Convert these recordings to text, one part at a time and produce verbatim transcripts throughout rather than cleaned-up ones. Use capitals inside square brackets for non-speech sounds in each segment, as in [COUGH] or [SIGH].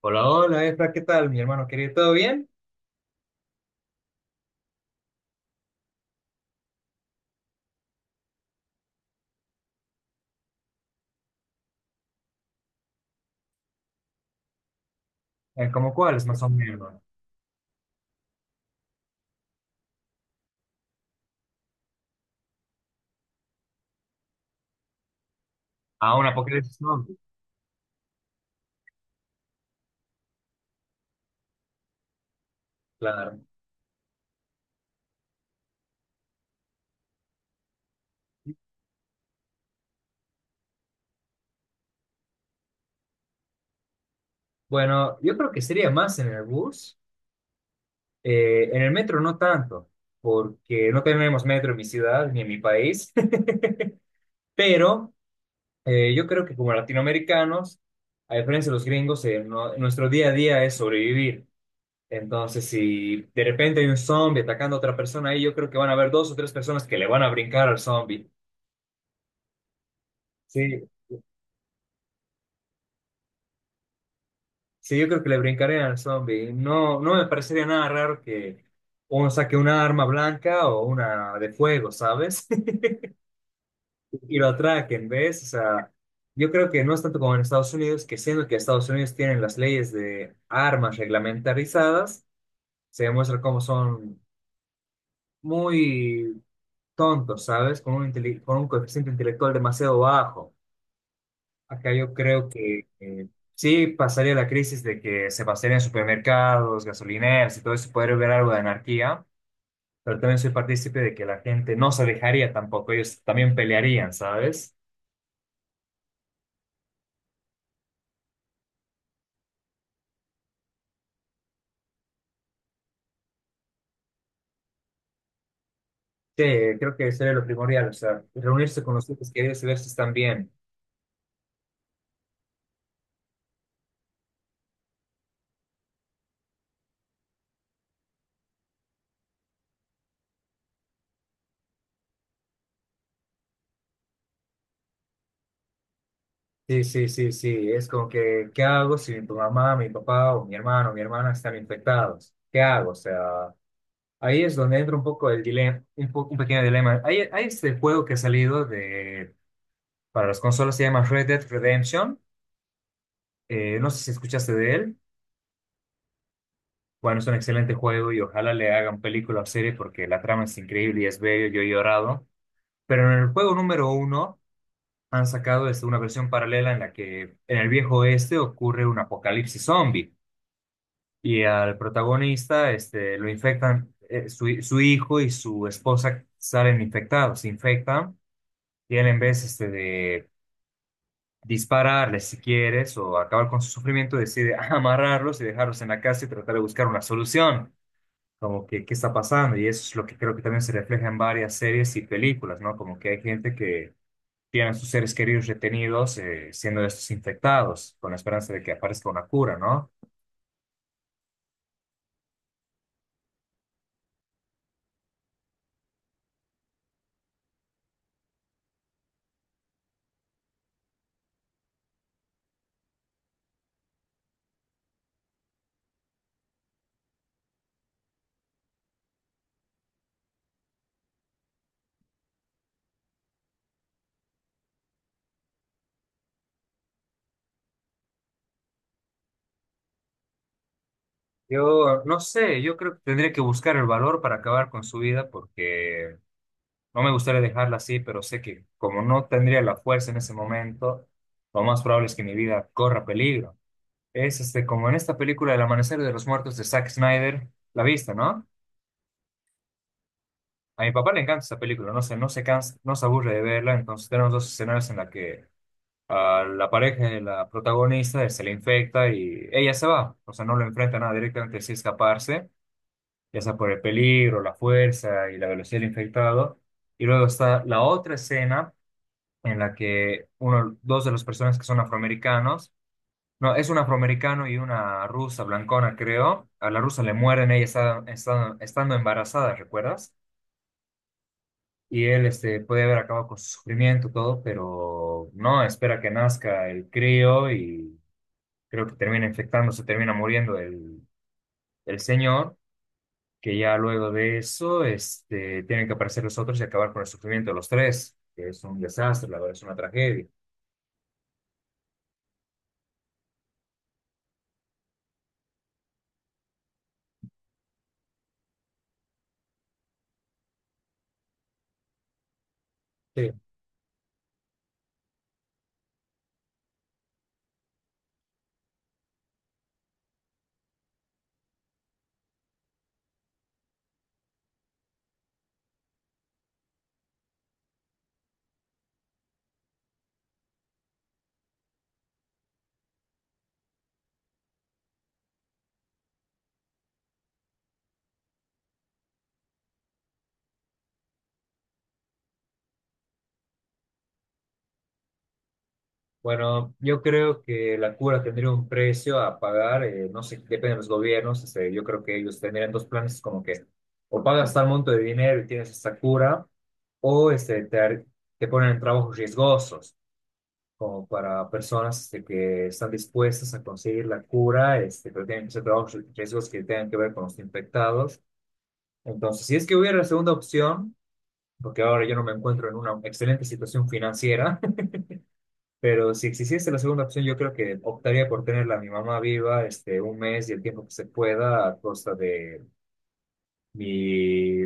Hola, hola, Efra, ¿qué tal, mi hermano querido? ¿Todo bien? Eh, ¿Cómo cuáles más o menos? Ah, un apocalipsis zombie, claro. Bueno, yo creo que sería más en el bus, eh, en el metro no tanto, porque no tenemos metro en mi ciudad ni en mi país, [LAUGHS] pero eh, yo creo que como latinoamericanos, a diferencia de los gringos, eh, no- nuestro día a día es sobrevivir. Entonces, si de repente hay un zombie atacando a otra persona ahí, yo creo que van a haber dos o tres personas que le van a brincar al zombie. Sí, Sí, yo creo que le brincaría al zombie. No, no me parecería nada raro que uno saque una arma blanca o una de fuego, ¿sabes? [LAUGHS] Y lo atraquen, ¿ves? O sea, yo creo que no es tanto como en Estados Unidos, que siendo que Estados Unidos tienen las leyes de armas reglamentarizadas, se demuestra cómo son muy tontos, ¿sabes? Con un, intele- con un coeficiente intelectual demasiado bajo. Acá yo creo que eh, sí pasaría la crisis de que se basaría en supermercados, gasolineras y todo eso, podría haber algo de anarquía, pero también soy partícipe de que la gente no se dejaría tampoco, ellos también pelearían, ¿sabes? Sí, creo que sería lo primordial, o sea, reunirse con los seres queridos y ver si están bien. Sí, sí, sí, sí, es como que, ¿qué hago si mi mamá, mi papá o mi hermano o mi hermana están infectados? ¿Qué hago? O sea, ahí es donde entra un poco el dilema, un, po- un pequeño dilema. Hay, hay este juego que ha salido de. Para las consolas se llama Red Dead Redemption. Eh, no sé si escuchaste de él. Bueno, es un excelente juego y ojalá le hagan película o serie porque la trama es increíble y es bello, yo he llorado. Pero en el juego número uno han sacado este, una versión paralela en la que en el viejo oeste ocurre un apocalipsis zombie y al protagonista este, lo infectan, eh, su, su hijo y su esposa salen infectados, se infectan y él en vez este, de dispararles si quieres o acabar con su sufrimiento, decide [LAUGHS] amarrarlos y dejarlos en la casa y tratar de buscar una solución, como que qué está pasando. Y eso es lo que creo que también se refleja en varias series y películas, ¿no? Como que hay gente que tiene a sus seres queridos retenidos eh, siendo estos infectados, con la esperanza de que aparezca una cura, ¿no? Yo no sé, yo creo que tendría que buscar el valor para acabar con su vida porque no me gustaría dejarla así, pero sé que como no tendría la fuerza en ese momento, lo más probable es que mi vida corra peligro. Es este, como en esta película El Amanecer de los Muertos de Zack Snyder, la vista, ¿no? A mi papá le encanta esa película, no se, no se cansa, no se aburre de verla, entonces tenemos dos escenarios en la que a la pareja de la protagonista se le infecta y ella se va, o sea, no lo enfrenta a nada directamente, sí escaparse, ya sea por el peligro, la fuerza y la velocidad del infectado. Y luego está la otra escena en la que uno, dos de los personas que son afroamericanos. No, es un afroamericano y una rusa blancona, creo. A la rusa le mueren, ella está, está- estando embarazada, ¿recuerdas? Y él este, puede haber acabado con su sufrimiento, todo, pero no, espera que nazca el crío y creo que termina infectándose, termina muriendo el, el señor, que ya luego de eso este, tienen que aparecer los otros y acabar con el sufrimiento de los tres, que es un desastre, la verdad, es una tragedia. Sí. Bueno, yo creo que la cura tendría un precio a pagar, eh, no sé, depende de los gobiernos, este, yo creo que ellos tendrían dos planes como que o pagas tal monto de dinero y tienes esta cura, o este, te, ar- te ponen en trabajos riesgosos, como para personas este, que están dispuestas a conseguir la cura, este, pero tienen que ser trabajos riesgosos que tengan que ver con los infectados. Entonces, si es que hubiera la segunda opción, porque ahora yo no me encuentro en una excelente situación financiera, pero si existiese la segunda opción, yo creo que optaría por tenerla a mi mamá viva, este, un mes y el tiempo que se pueda, a costa de mi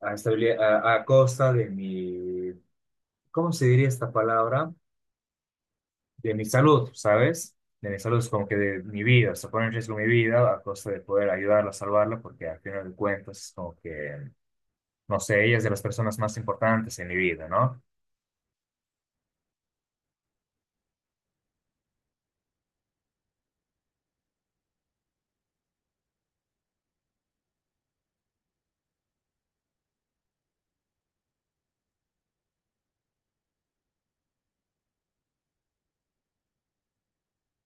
a estabilidad, a, a costa de mi, ¿cómo se diría esta palabra? De mi salud, ¿sabes? De mi salud, es como que de mi vida, o sea, en riesgo mi vida a costa de poder ayudarla, salvarla, porque al final de cuentas es como que, no sé, ella es de las personas más importantes en mi vida, ¿no?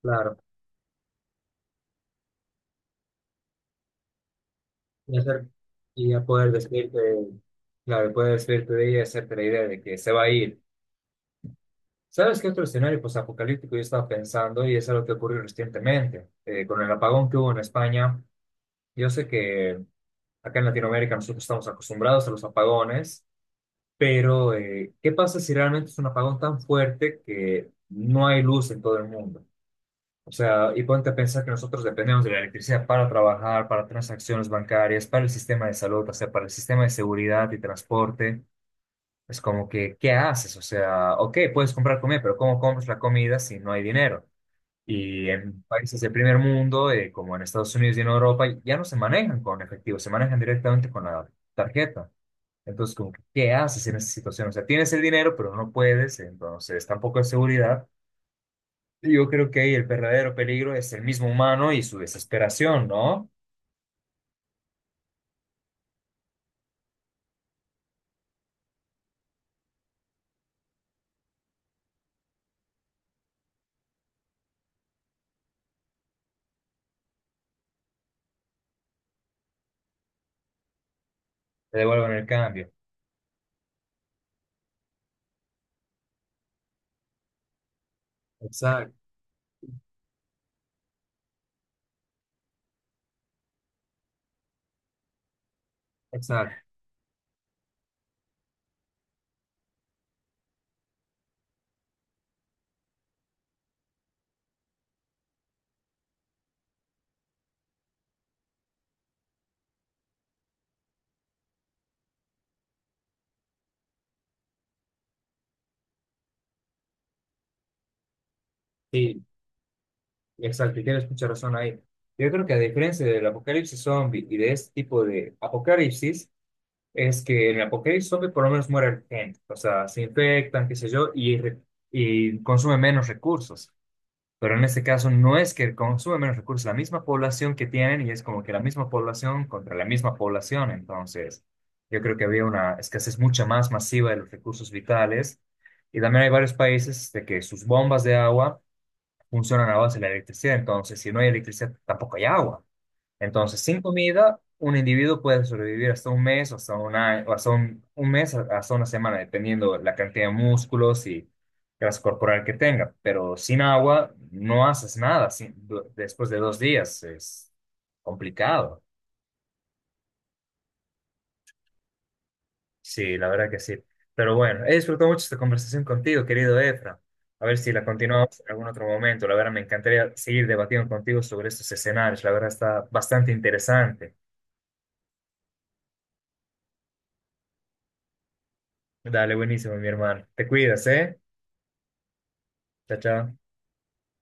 Claro. y hacer- y a poder vestirte, claro, poder vestirte de ella y hacerte la idea de que se va a ir. ¿Sabes qué otro escenario apocalíptico yo estaba pensando? Y es algo que ocurrió recientemente, eh, con el apagón que hubo en España. Yo sé que acá en Latinoamérica nosotros estamos acostumbrados a los apagones, pero eh, ¿qué pasa si realmente es un apagón tan fuerte que no hay luz en todo el mundo? O sea, y ponte a pensar que nosotros dependemos de la electricidad para trabajar, para transacciones bancarias, para el sistema de salud, o sea, para el sistema de seguridad y transporte. Es como que, ¿qué haces? O sea, ok, puedes comprar comida, pero ¿cómo compras la comida si no hay dinero? Y en países del primer mundo, eh, como en Estados Unidos y en Europa, ya no se manejan con efectivo, se manejan directamente con la tarjeta. Entonces, como que, ¿qué haces en esa situación? O sea, tienes el dinero, pero no puedes, entonces tampoco hay seguridad. Yo creo que ahí el verdadero peligro es el mismo humano y su desesperación, ¿no? Te devuelvan el cambio. Exacto, exacto. Sí, exacto, y tienes mucha razón ahí. Yo creo que a diferencia del apocalipsis zombie y de este tipo de apocalipsis, es que en el apocalipsis zombie por lo menos muere gente, o sea, se infectan, qué sé yo, y, re- y consume menos recursos. Pero en este caso no es que consume menos recursos, la misma población que tienen y es como que la misma población contra la misma población. Entonces, yo creo que había una escasez mucha más masiva de los recursos vitales. Y también hay varios países de que sus bombas de agua funcionan a base de la electricidad. Entonces, si no hay electricidad, tampoco hay agua. Entonces, sin comida, un individuo puede sobrevivir hasta un mes, o hasta un año, o hasta un, un mes, a- hasta una semana, dependiendo la cantidad de músculos y grasa corporal que tenga. Pero sin agua, no haces nada sin- du- después de dos días. Es complicado. Sí, la verdad que sí. Pero bueno, he disfrutado mucho esta conversación contigo, querido Efra. A ver si la continuamos en algún otro momento. La verdad, me encantaría seguir debatiendo contigo sobre estos escenarios. La verdad, está bastante interesante. Dale, buenísimo, mi hermano. Te cuidas, ¿eh? Chao, chao.